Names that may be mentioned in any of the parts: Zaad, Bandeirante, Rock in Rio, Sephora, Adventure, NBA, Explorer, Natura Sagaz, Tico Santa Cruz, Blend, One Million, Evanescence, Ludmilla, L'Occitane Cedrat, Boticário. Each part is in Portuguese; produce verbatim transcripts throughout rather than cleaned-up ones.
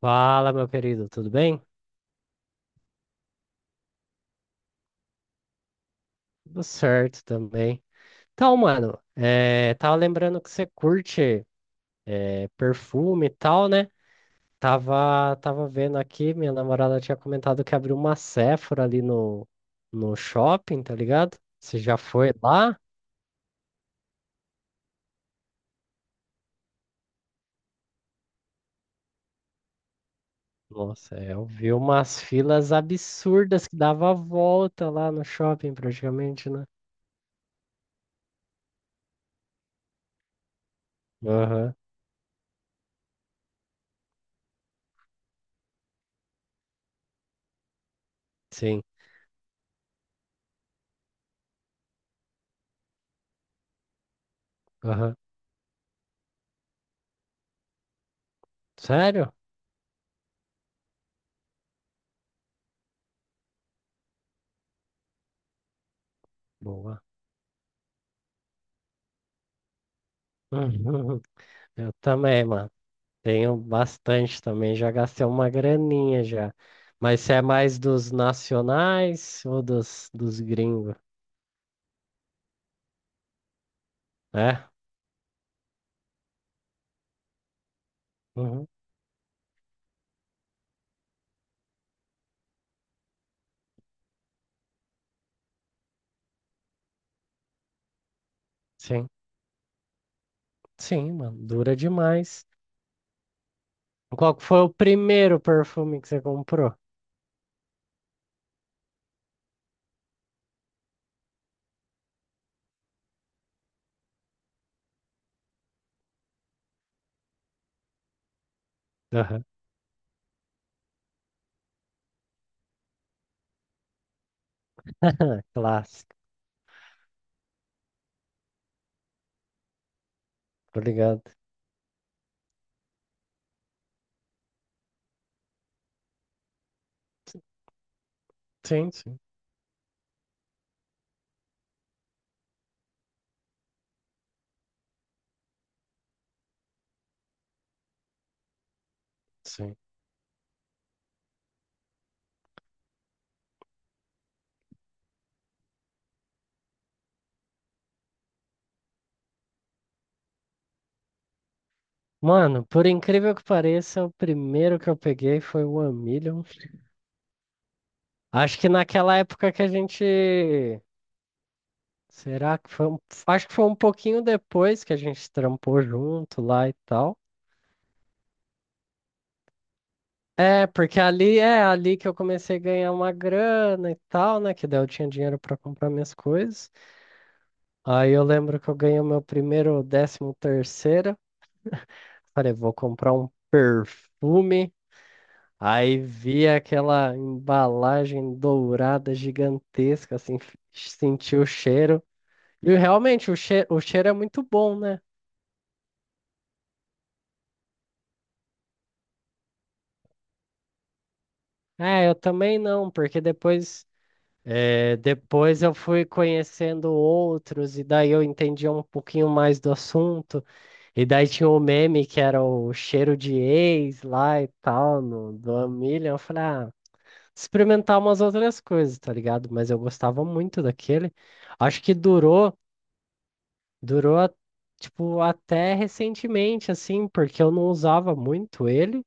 Fala, meu querido, tudo bem? Tudo certo também. Então, mano, eh, tava lembrando que você curte eh, perfume e tal, né? Tava, tava vendo aqui, minha namorada tinha comentado que abriu uma Sephora ali no, no shopping, tá ligado? Você já foi lá? Nossa, é, eu vi umas filas absurdas que dava a volta lá no shopping praticamente, né? Aham, sim, aham. Sério? Boa. Eu também, mano. Tenho bastante também, já gastei uma graninha já. Mas você é mais dos nacionais ou dos, dos gringos? É? Uhum. Sim, sim, mano, dura demais. Qual que foi o primeiro perfume que você comprou? Aham. Clássico, tô ligado. Sim, sim, sim. Mano, por incrível que pareça, o primeiro que eu peguei foi o One Million. Acho que naquela época que a gente. Será que foi um... Acho que foi um pouquinho depois que a gente trampou junto lá e tal. É, porque ali é ali que eu comecei a ganhar uma grana e tal, né? Que daí eu tinha dinheiro pra comprar minhas coisas. Aí eu lembro que eu ganhei o meu primeiro décimo terceiro. Falei, vou comprar um perfume. Aí vi aquela embalagem dourada gigantesca, assim, f- senti o cheiro. E realmente o cheiro, o cheiro é muito bom, né? É, eu também não, porque depois. É, depois eu fui conhecendo outros, e daí eu entendi um pouquinho mais do assunto. E daí tinha o meme que era o cheiro de ex lá e tal, no, do Amilion. Eu falei, ah, experimentar umas outras coisas, tá ligado? Mas eu gostava muito daquele. Acho que durou, durou, a- tipo, até recentemente, assim, porque eu não usava muito ele.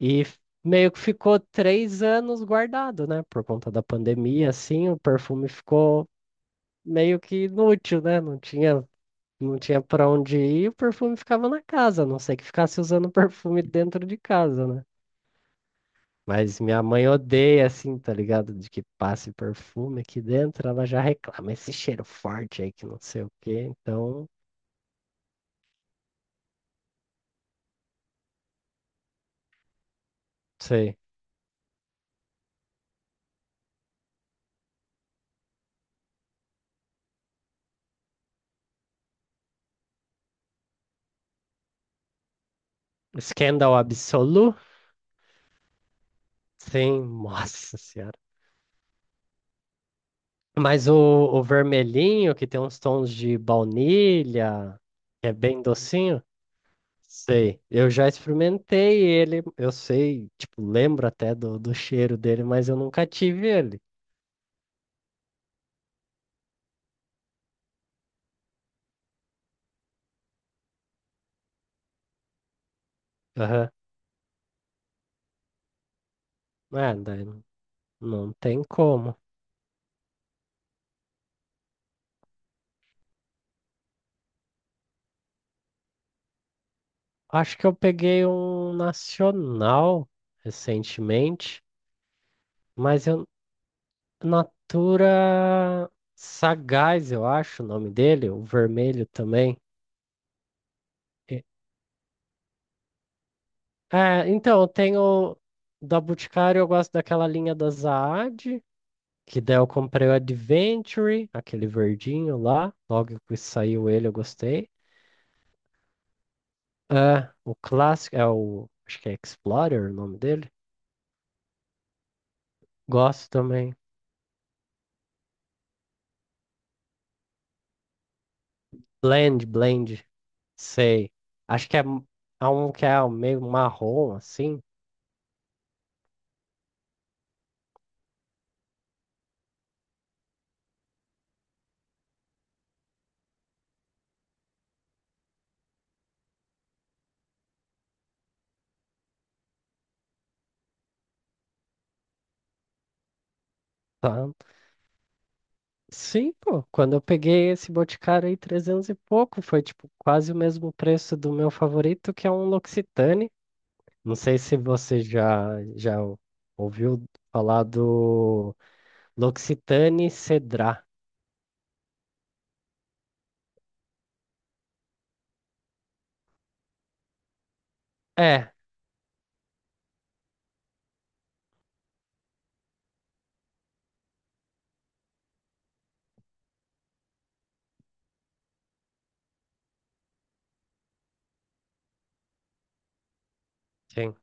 E f- Meio que ficou três anos guardado, né? Por conta da pandemia, assim, o perfume ficou meio que inútil, né? Não tinha, não tinha para onde ir, e o perfume ficava na casa, a não sei que ficasse usando perfume dentro de casa, né? Mas minha mãe odeia assim, tá ligado? De que passe perfume aqui dentro, ela já reclama esse cheiro forte aí que não sei o quê. Então, sei. Scandal absoluto? Sim, nossa senhora. Mas o, o vermelhinho, que tem uns tons de baunilha, que é bem docinho. Sei, eu já experimentei ele, eu sei, tipo, lembro até do, do cheiro dele, mas eu nunca tive ele. Aham. É, daí não, não tem como. Acho que eu peguei um nacional recentemente, mas eu, Natura Sagaz, eu acho o nome dele, o vermelho também. E- É, então, eu tenho da Boticário, eu gosto daquela linha da Zaad. Que daí eu comprei o Adventure, aquele verdinho lá. Logo que saiu ele, eu gostei. Ah, o clássico, é o. Acho que é Explorer o nome dele. Gosto também. Blend, Blend. Sei. Acho que é, m- É um que é meio marrom, assim. Tanto. Sim, pô. Quando eu peguei esse Boticário aí, trezentos e pouco, foi tipo quase o mesmo preço do meu favorito, que é um L'Occitane. Não sei se você já, já ouviu falar do. L'Occitane Cedrat. É, sim.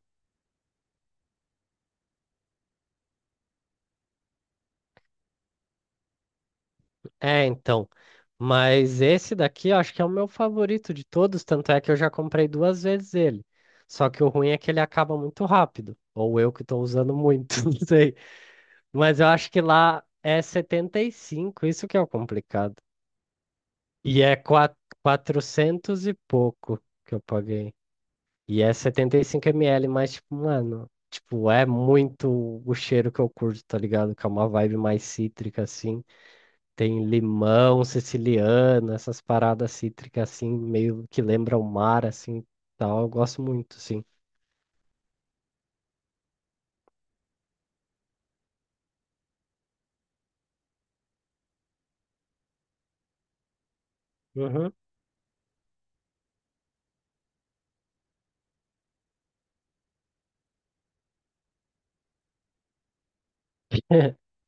É, então. Mas esse daqui eu acho que é o meu favorito de todos, tanto é que eu já comprei duas vezes ele. Só que o ruim é que ele acaba muito rápido. Ou eu que estou usando muito, não sei. Mas eu acho que lá é setenta e cinco. Isso que é o complicado. E é quatro quatrocentos e pouco que eu paguei. E é setenta e cinco ml, mas, tipo, mano, tipo, é muito o cheiro que eu curto, tá ligado? Que é uma vibe mais cítrica, assim. Tem limão siciliano, essas paradas cítricas assim, meio que lembra o mar, assim, tal. Eu gosto muito, sim. Uhum.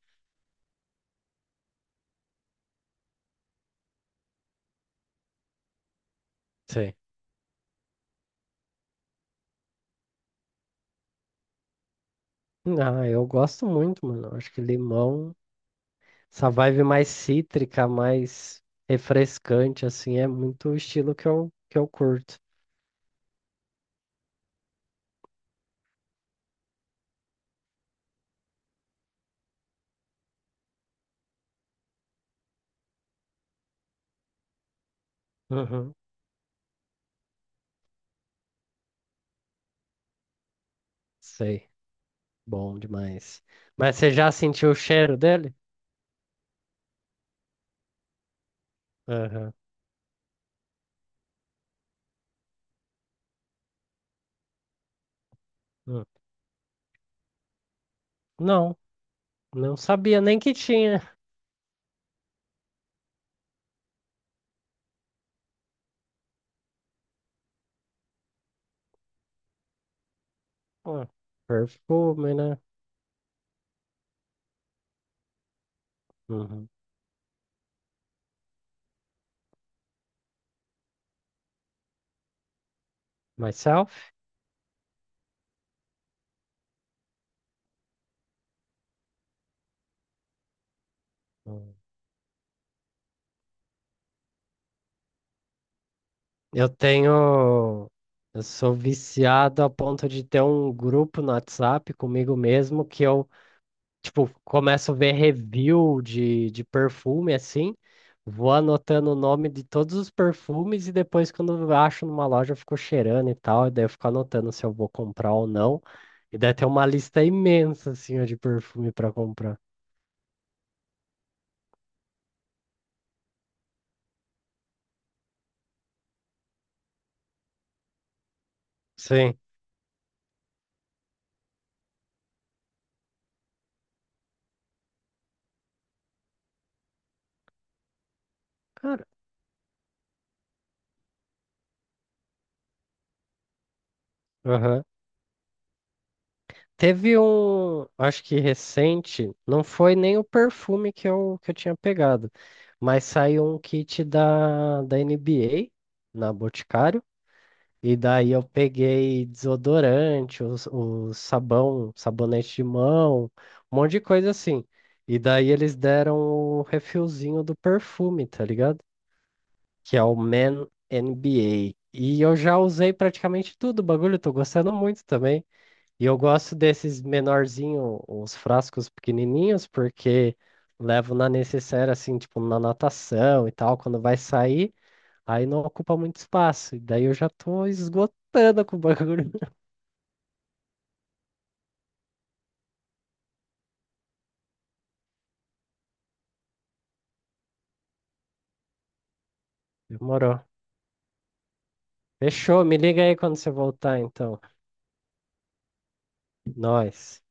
Sei. Ah, eu gosto muito, mano. Acho que limão, essa vibe mais cítrica, mais refrescante, assim, é muito o estilo que eu, que eu curto. Uhum. Sei, bom demais. Mas você já sentiu o cheiro dele? Aham. Hum. Não, não sabia nem que tinha. Ah, perfume, né? Uhum. Myself? Hum. Eu tenho. Eu sou viciado a ponto de ter um grupo no WhatsApp comigo mesmo que eu, tipo, começo a ver review de, de perfume assim, vou anotando o nome de todos os perfumes e depois, quando eu acho numa loja, eu fico cheirando e tal, e daí eu fico anotando se eu vou comprar ou não. E daí tem uma lista imensa assim ó, de perfume para comprar. Sim. Cara. Teve um, acho que recente, não foi nem o perfume que eu, que eu tinha pegado, mas saiu um kit da, da N B A na Boticário, e daí eu peguei desodorante, os, os sabão, sabonete de mão, um monte de coisa assim. E daí eles deram o refilzinho do perfume, tá ligado? Que é o Man N B A. E eu já usei praticamente tudo o bagulho, tô gostando muito também. E eu gosto desses menorzinho, os frascos pequenininhos, porque levo na necessaire, assim, tipo, na natação e tal, quando vai sair, aí não ocupa muito espaço. E daí eu já tô esgotando com o bagulho. Demorou. Fechou, me liga aí quando você voltar, então. Nós.